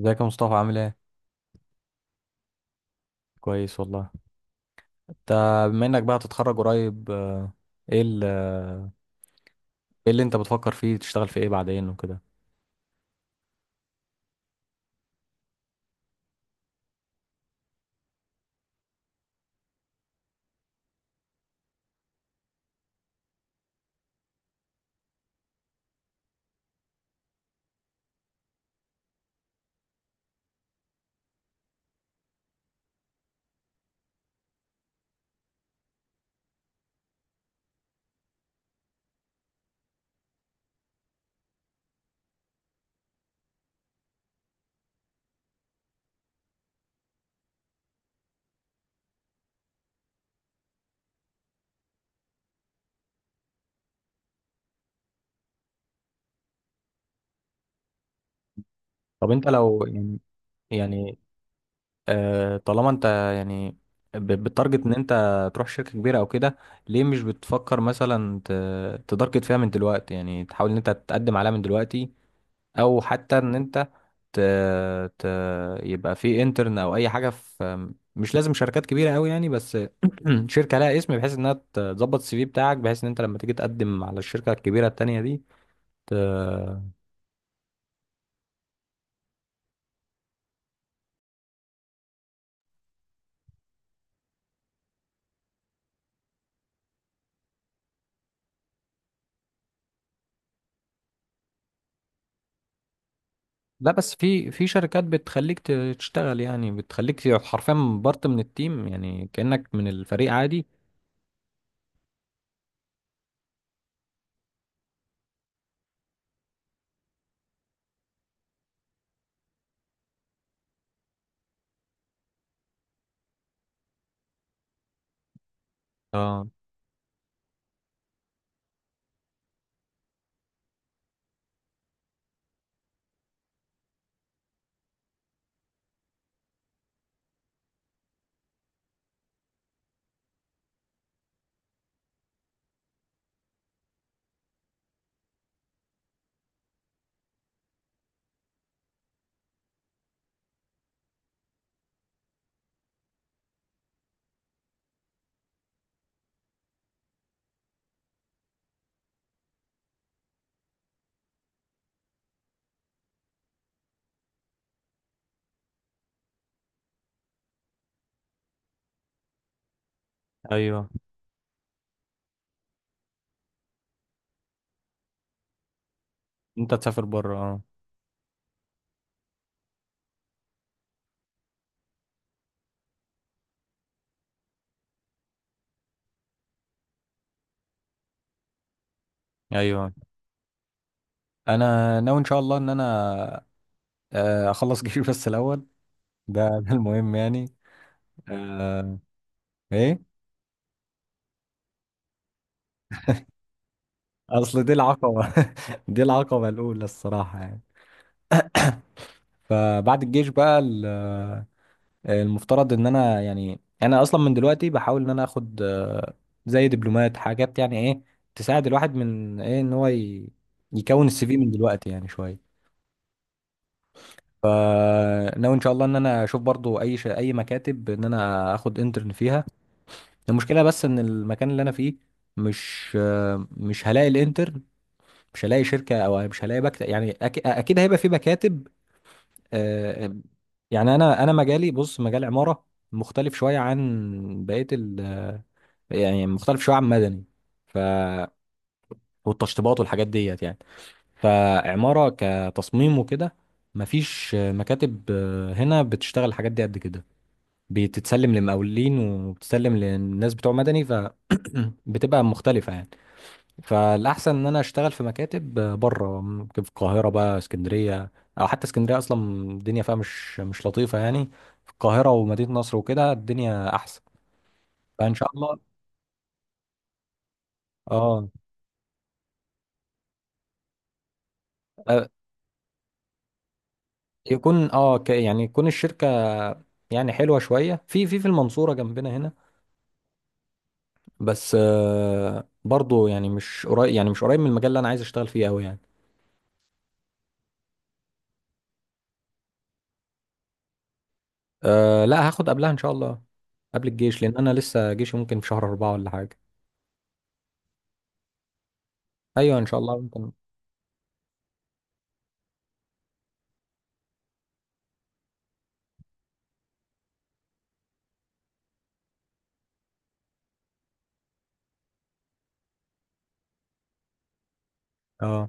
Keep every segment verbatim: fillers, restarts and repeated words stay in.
ازيك يا مصطفى؟ عامل ايه؟ كويس والله. انت؟ بما انك بقى هتتخرج قريب، آه، ايه ال- آه، ايه اللي انت بتفكر فيه تشتغل في ايه بعدين وكده؟ طب انت لو يعني، يعني آه، طالما انت يعني ب- بتتارجت ان انت تروح شركة كبيرة او كده، ليه مش بتفكر مثلا ت- تتارجت فيها من دلوقتي؟ يعني تحاول ان انت تقدم عليها من دلوقتي، او حتى ان انت ت... ت... يبقى في انترن او اي حاجه في. مش لازم شركات كبيره قوي يعني، بس شركه لها اسم، بحيث انها تظبط السي في بتاعك، بحيث ان انت لما تيجي تقدم على الشركه الكبيره التانيه دي ت... لا، بس في في شركات بتخليك ت- تشتغل، يعني بتخليك حرفيا بارت من التيم، يعني كانك من الفريق عادي. اه. ايوه، انت تسافر بره، اه. ايوه، انا ناوي ان شاء الله ان انا آه، اخلص جيشي بس الاول. ده ده المهم يعني. آه، ايه؟ اصل دي العقبة دي العقبة الاولى الصراحة يعني. فبعد الجيش بقى ال- المفترض ان انا، يعني انا اصلا من دلوقتي بحاول ان انا اخد آه، زي دبلومات، حاجات يعني ايه تساعد الواحد من ايه ان هو ي- يكون السي في من دلوقتي يعني شوية. فناوي ان شاء الله ان انا اشوف برضو اي ش... اي مكاتب ان انا اخد انترن فيها. المشكلة بس ان المكان اللي انا فيه مش، آه، مش هلاقي الانترن، مش هلاقي شركة، او مش هلاقي مكتب، يعني أك... اكيد هيبقى في مكاتب، آه، آه، يعني انا انا مجالي، بص، مجال عمارة، مختلف شوية عن بقية ال آه، يعني مختلف شوية عن مدني، ف، والتشطيبات والحاجات ديت يعني. فعمارة كتصميم وكده مفيش آه، مكاتب آه، هنا بتشتغل الحاجات دي قد كده. بتتسلم لمقاولين، وبتتسلم للناس بتوع مدني، ف بتبقى مختلفة يعني. فالاحسن ان انا اشتغل في مكاتب بره، ممكن في القاهره بقى، اسكندريه، او حتى اسكندريه اصلا الدنيا فيها مش مش لطيفه يعني. في القاهره ومدينه نصر وكده الدنيا احسن. فان شاء الله. اه، آه، يكون اه ك- يعني يكون الشركه يعني حلوه شويه في في في المنصوره جنبنا هنا، بس آه، برضو يعني مش قريب، يعني مش قريب من المجال اللي انا عايز اشتغل فيه قوي يعني. آه، لا، هاخد قبلها ان شاء الله، قبل الجيش، لان انا لسه جيشي ممكن في شهر اربعة ولا حاجه. ايوه، ان شاء الله، ممكن. اه.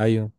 ايوه.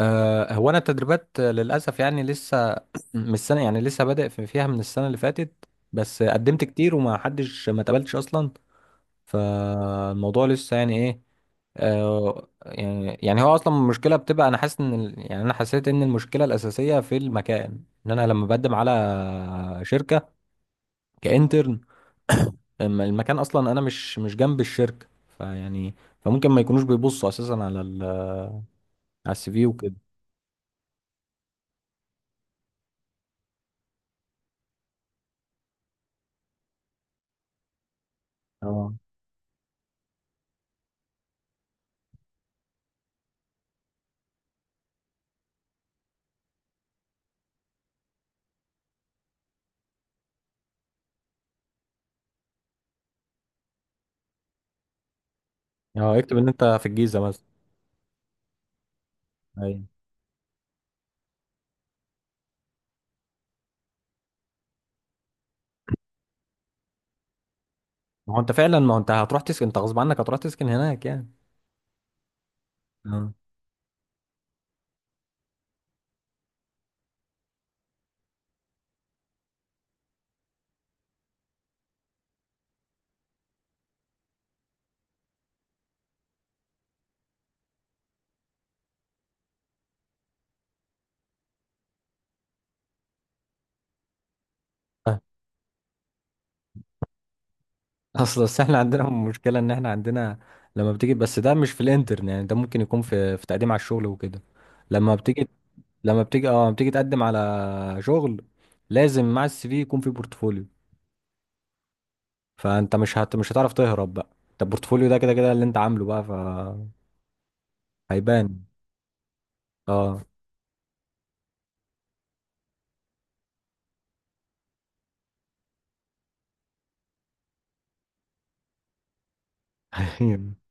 آه، هو انا التدريبات آه، للاسف يعني لسه من السنه، يعني لسه بادئ في- فيها من السنه اللي فاتت، بس آه، قدمت كتير، وما حدش ما اتقبلتش اصلا. فالموضوع لسه يعني ايه. آه يعني يعني هو اصلا المشكله بتبقى، انا حاسس ان ال- يعني انا حسيت ان المشكله الاساسيه في المكان، ان انا لما بقدم على شركه كانترن، أما المكان اصلا انا مش مش جنب الشركه، فيعني فممكن ما يكونوش بيبصوا اساسا على ال- على السي في وكده. اه، اه، يكتب ان انت في الجيزه مثلا. ما هو انت فعلا، ما هو انت هتروح تسكن، انت غصب عنك هتروح تسكن هناك يعني. اه. اه. اصل، بس احنا عندنا مشكلة، ان احنا عندنا لما بتيجي، بس ده مش في الانترن يعني، ده ممكن يكون في في تقديم على الشغل وكده. لما بتيجي لما بتيجي اه لما بتيجي تقدم على شغل، لازم مع السي في يكون في بورتفوليو. فانت مش هت... مش هتعرف تهرب بقى، انت البورتفوليو ده كده كده اللي انت عامله بقى، فهيبان. اه.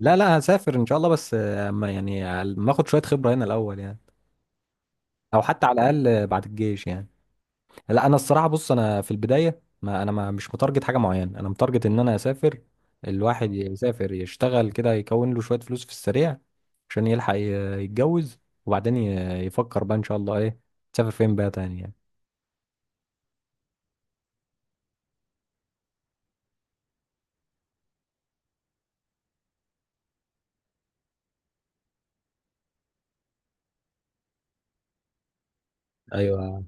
لا، لا، هسافر ان شاء الله، بس اما يعني ما اخد شوية خبرة هنا الاول يعني، او حتى على الاقل بعد الجيش يعني. لا، انا الصراحه بص، انا في البدايه ما انا ما مش متارجت حاجه معينه، انا متارجت ان انا اسافر. الواحد يسافر يشتغل كده، يكون له شويه فلوس في السريع، عشان يلحق ي- يتجوز، وبعدين ي- يفكر بقى ان شاء الله ايه، تسافر فين بقى تاني يعني. ايوه.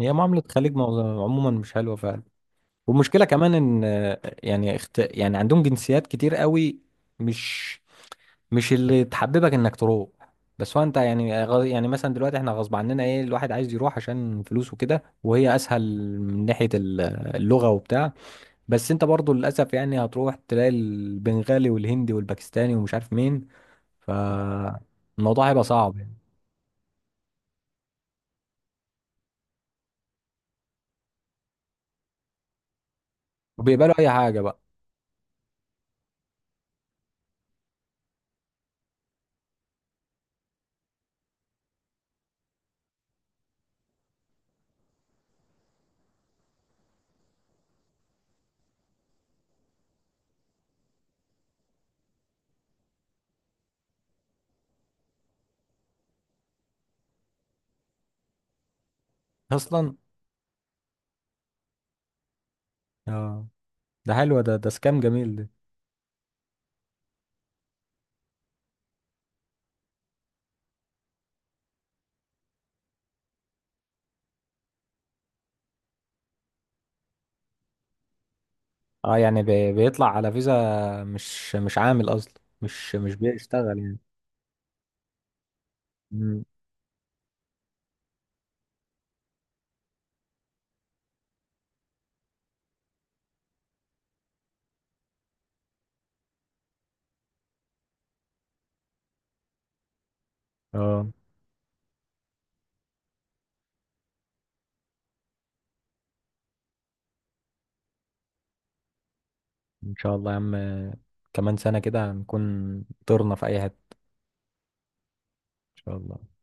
هي معامله خليج مو- عموما مش حلوه. والمشكله كمان ان، آه، يعني اخت... يعني عندهم جنسيات كتير قوي، مش مش اللي تحببك انك تروح. بس هو انت يعني غ- يعني مثلا دلوقتي احنا غصب عننا ايه، الواحد عايز يروح عشان فلوسه كده، وهي اسهل من ناحية ال- اللغة وبتاع. بس انت برضو للاسف يعني هتروح تلاقي البنغالي والهندي والباكستاني ومش عارف مين، فالموضوع هيبقى صعب يعني. وبيقبلوا اي حاجة بقى اصلا. اه، ده حلو، ده ده سكام جميل ده. اه، يعني بي- بيطلع على فيزا، مش مش عامل اصلا، مش مش بيشتغل يعني. مم. اه، ان شاء الله يا عم، كمان سنة كده هنكون طرنا في اي حتة. ان شاء الله.